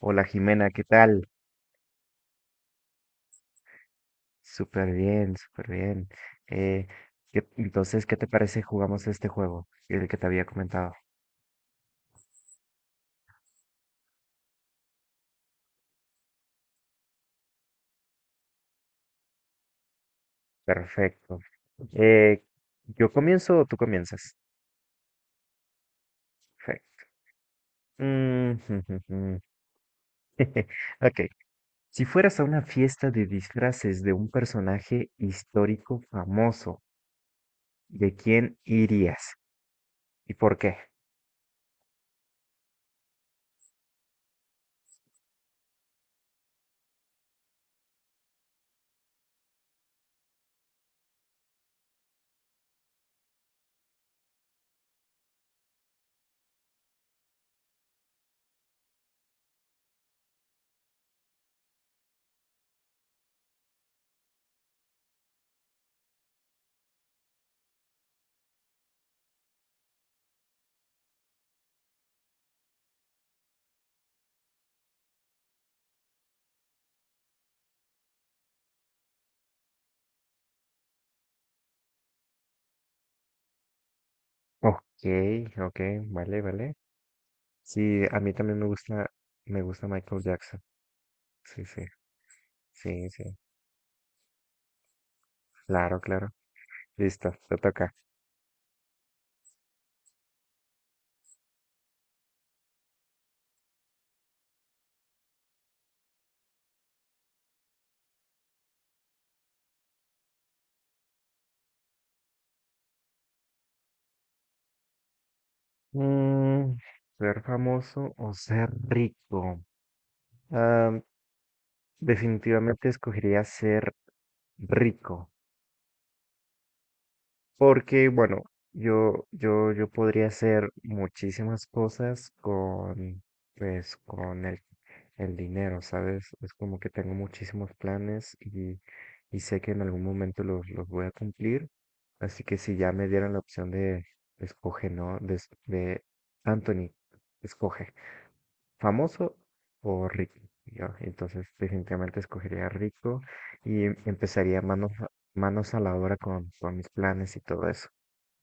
Hola Jimena, ¿qué tal? Súper bien, súper bien. Eh, ¿Qué te parece jugamos este juego? El que te había comentado. Perfecto. Eh, ¿Yo comienzo o tú comienzas? Fe- jum, jum, jum. Ok. Si fueras a una fiesta de disfraces de un personaje histórico famoso, ¿de quién irías? ¿Y por qué? Ok, ok, vale, vale. Sí, a mí también me gusta Michael Jackson. Sí, sí. Sí, sí, claro, claro. Listo, te toca. Mm, ser famoso o ser rico. Ah, definitivamente escogería ser rico. Porque, bueno, yo podría hacer muchísimas cosas con, pues, el dinero, ¿sabes? Es como que tengo muchísimos planes y sé que en algún momento los voy a cumplir. Así que si ya me dieran la opción de escoge, ¿no? De Anthony, escoge, ¿famoso o rico? Y yo, entonces, definitivamente escogería rico y empezaría manos a la obra con mis planes y todo eso.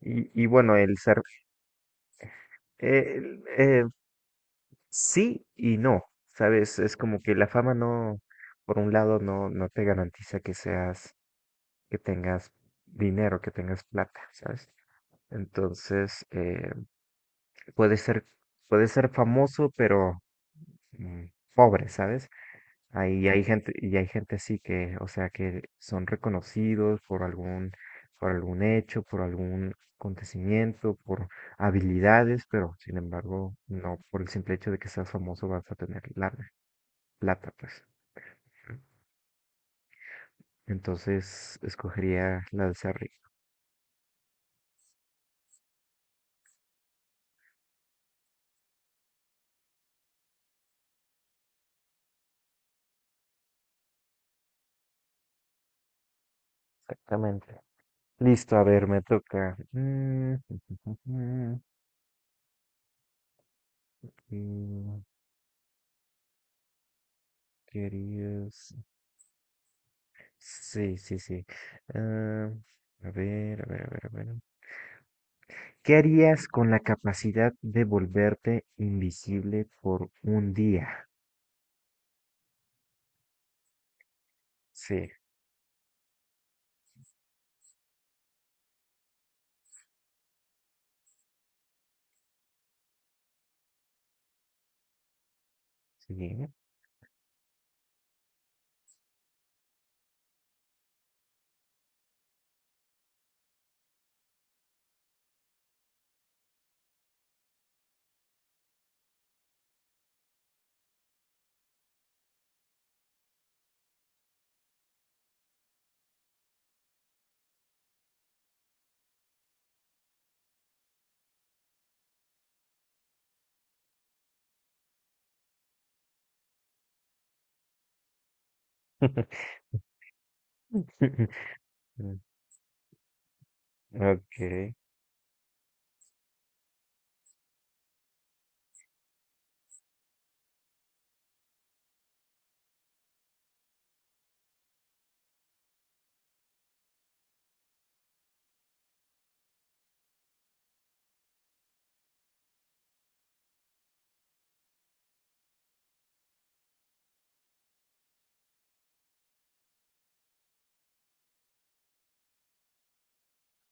Y bueno, el ser, eh, eh, sí y no, ¿sabes? Es como que la fama no, por un lado, no, no te garantiza que seas, que tengas dinero, que tengas plata, ¿sabes? Entonces, puede ser, puede ser famoso, pero mm, pobre, ¿sabes? Ahí hay gente, y hay gente así que, o sea, que son reconocidos por algún hecho, por algún acontecimiento, por habilidades, pero sin embargo, no por el simple hecho de que seas famoso vas a tener lana, plata, pues. Entonces, escogería la de ser rico. Exactamente. Listo, a ver, me toca. Mm, ¿qué querías? Sí, sí, sí. Ah, a ver, a ver, a ver, a ver. ¿Qué harías con la capacidad de volverte invisible por un día? Sí, sí. Okay.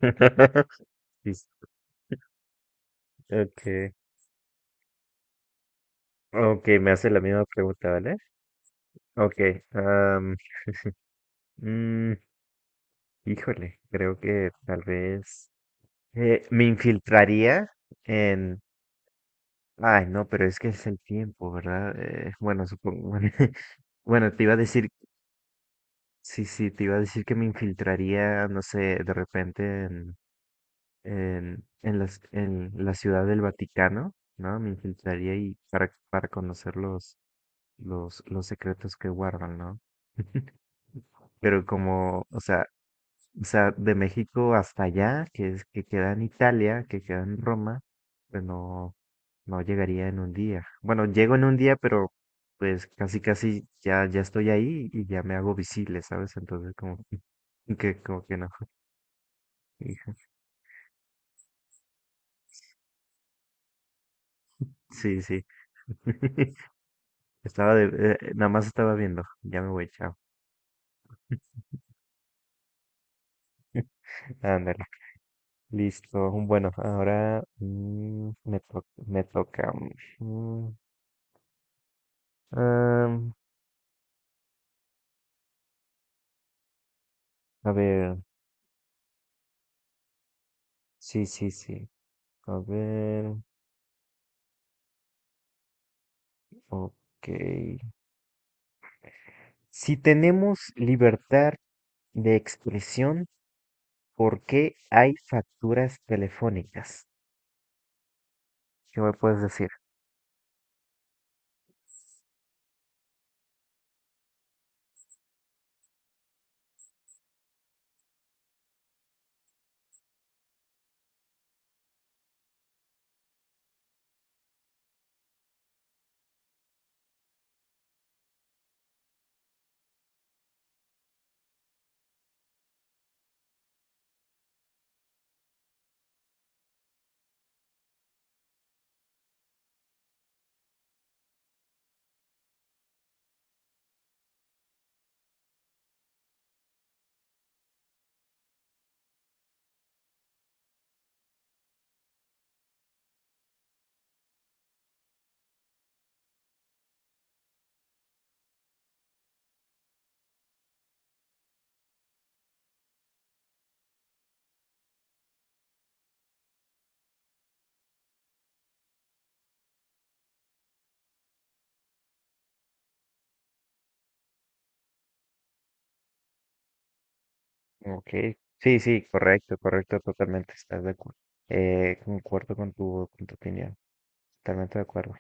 Sí, sí. Okay. Okay, me hace la misma pregunta, ¿vale? Okay. Mm, híjole, creo que tal vez me infiltraría en... Ay, no, pero es que es el tiempo, ¿verdad? Bueno, supongo... Bueno, te iba a decir sí, sí, te iba a decir que me infiltraría, no sé, de repente en, en la ciudad del Vaticano, ¿no? Me infiltraría y para conocer los secretos que guardan, ¿no? Pero como, o sea, de México hasta allá, que es que queda en Italia, que queda en Roma, pues no, no llegaría en un día. Bueno, llego en un día, pero pues casi casi ya, ya estoy ahí y ya me hago visible, ¿sabes? Entonces como que no. Hija. Sí, sí. Estaba de, nada más estaba viendo. Ya me voy, chao. Ándale, listo. Bueno, ahora me toca. mm, am, a ver, sí, sí, sí. A ver, ok. Si tenemos libertad de expresión, ¿por qué hay facturas telefónicas? ¿Qué me puedes decir? Ok, sí, sí, correcto, correcto, totalmente, estás de acuerdo. Concuerdo con tu opinión, totalmente de acuerdo.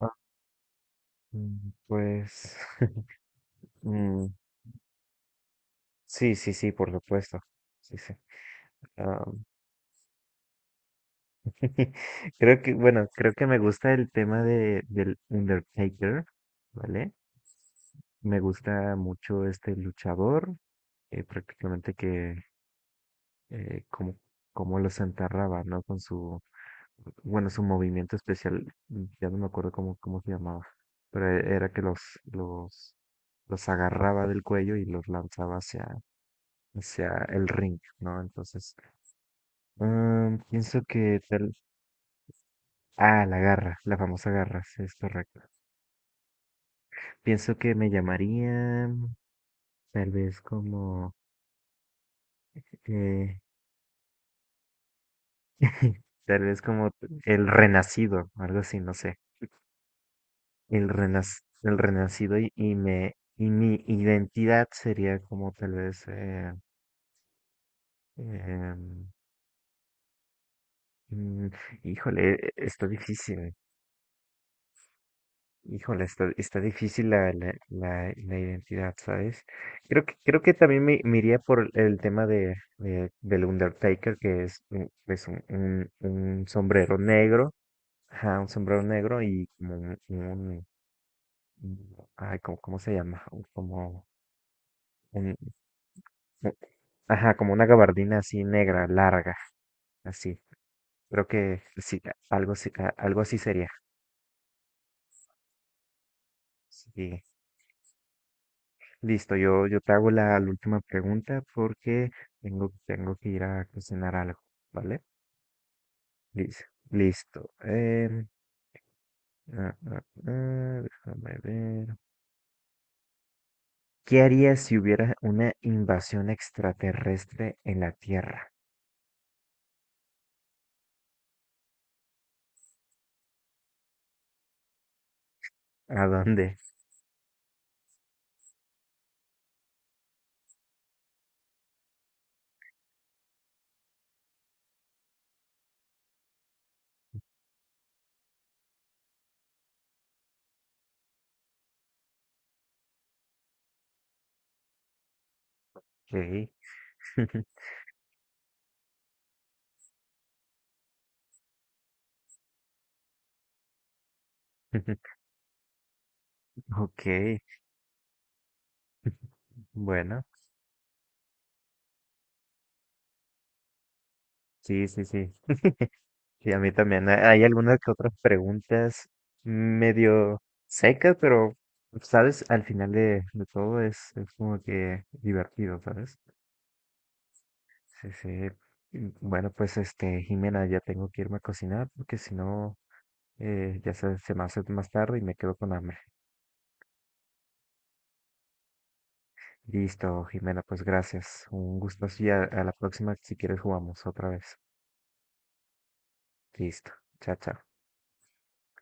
Ah, mm, pues, mm, sí, sí, sí, por supuesto, sí, sí. Ah, creo que, bueno, creo que me gusta el tema de, del Undertaker, ¿vale? Me gusta mucho este luchador, prácticamente que, como, como los enterraba, ¿no? Con su, bueno, su movimiento especial, ya no me acuerdo cómo, cómo se llamaba, pero era que los, los, los agarraba del cuello y los lanzaba hacia, hacia el ring, ¿no? Entonces, pienso que tal... Ah, la garra, la famosa garra, sí, es correcto. Pienso que me llamaría tal vez como... eh, tal vez como el renacido, algo así, no sé. El renacido y me y mi identidad sería como tal vez em, mm, híjole está difícil, híjole está, está difícil la identidad, ¿sabes? Creo que creo que también me iría por el tema de del Undertaker, que es un sombrero negro, ajá, un sombrero negro y como un- ay, ¿cómo, cómo se llama? Como un, ajá, como una gabardina así negra, larga, así. Creo que sí, algo, algo así sería. Sí. Listo, yo te hago la, la última pregunta porque tengo, tengo que ir a cocinar algo, ¿vale? Listo. Listo. Ah, ah, déjame ver. ¿Qué harías si hubiera una invasión extraterrestre en la Tierra? ¿A dónde? Ok. Ok. Bueno, sí, sí, sí. Y a mí también. Hay algunas que otras preguntas medio secas, pero, ¿sabes? Al final de todo es como que divertido, ¿sabes? Sí, sí. Mm, bueno, pues este, Jimena, ya tengo que irme a cocinar porque si no, ya se me hace más tarde y me quedo con hambre. Listo, Jimena, pues gracias. Un gusto. Y a la próxima, si quieres, jugamos otra vez. Listo. Chao, chao.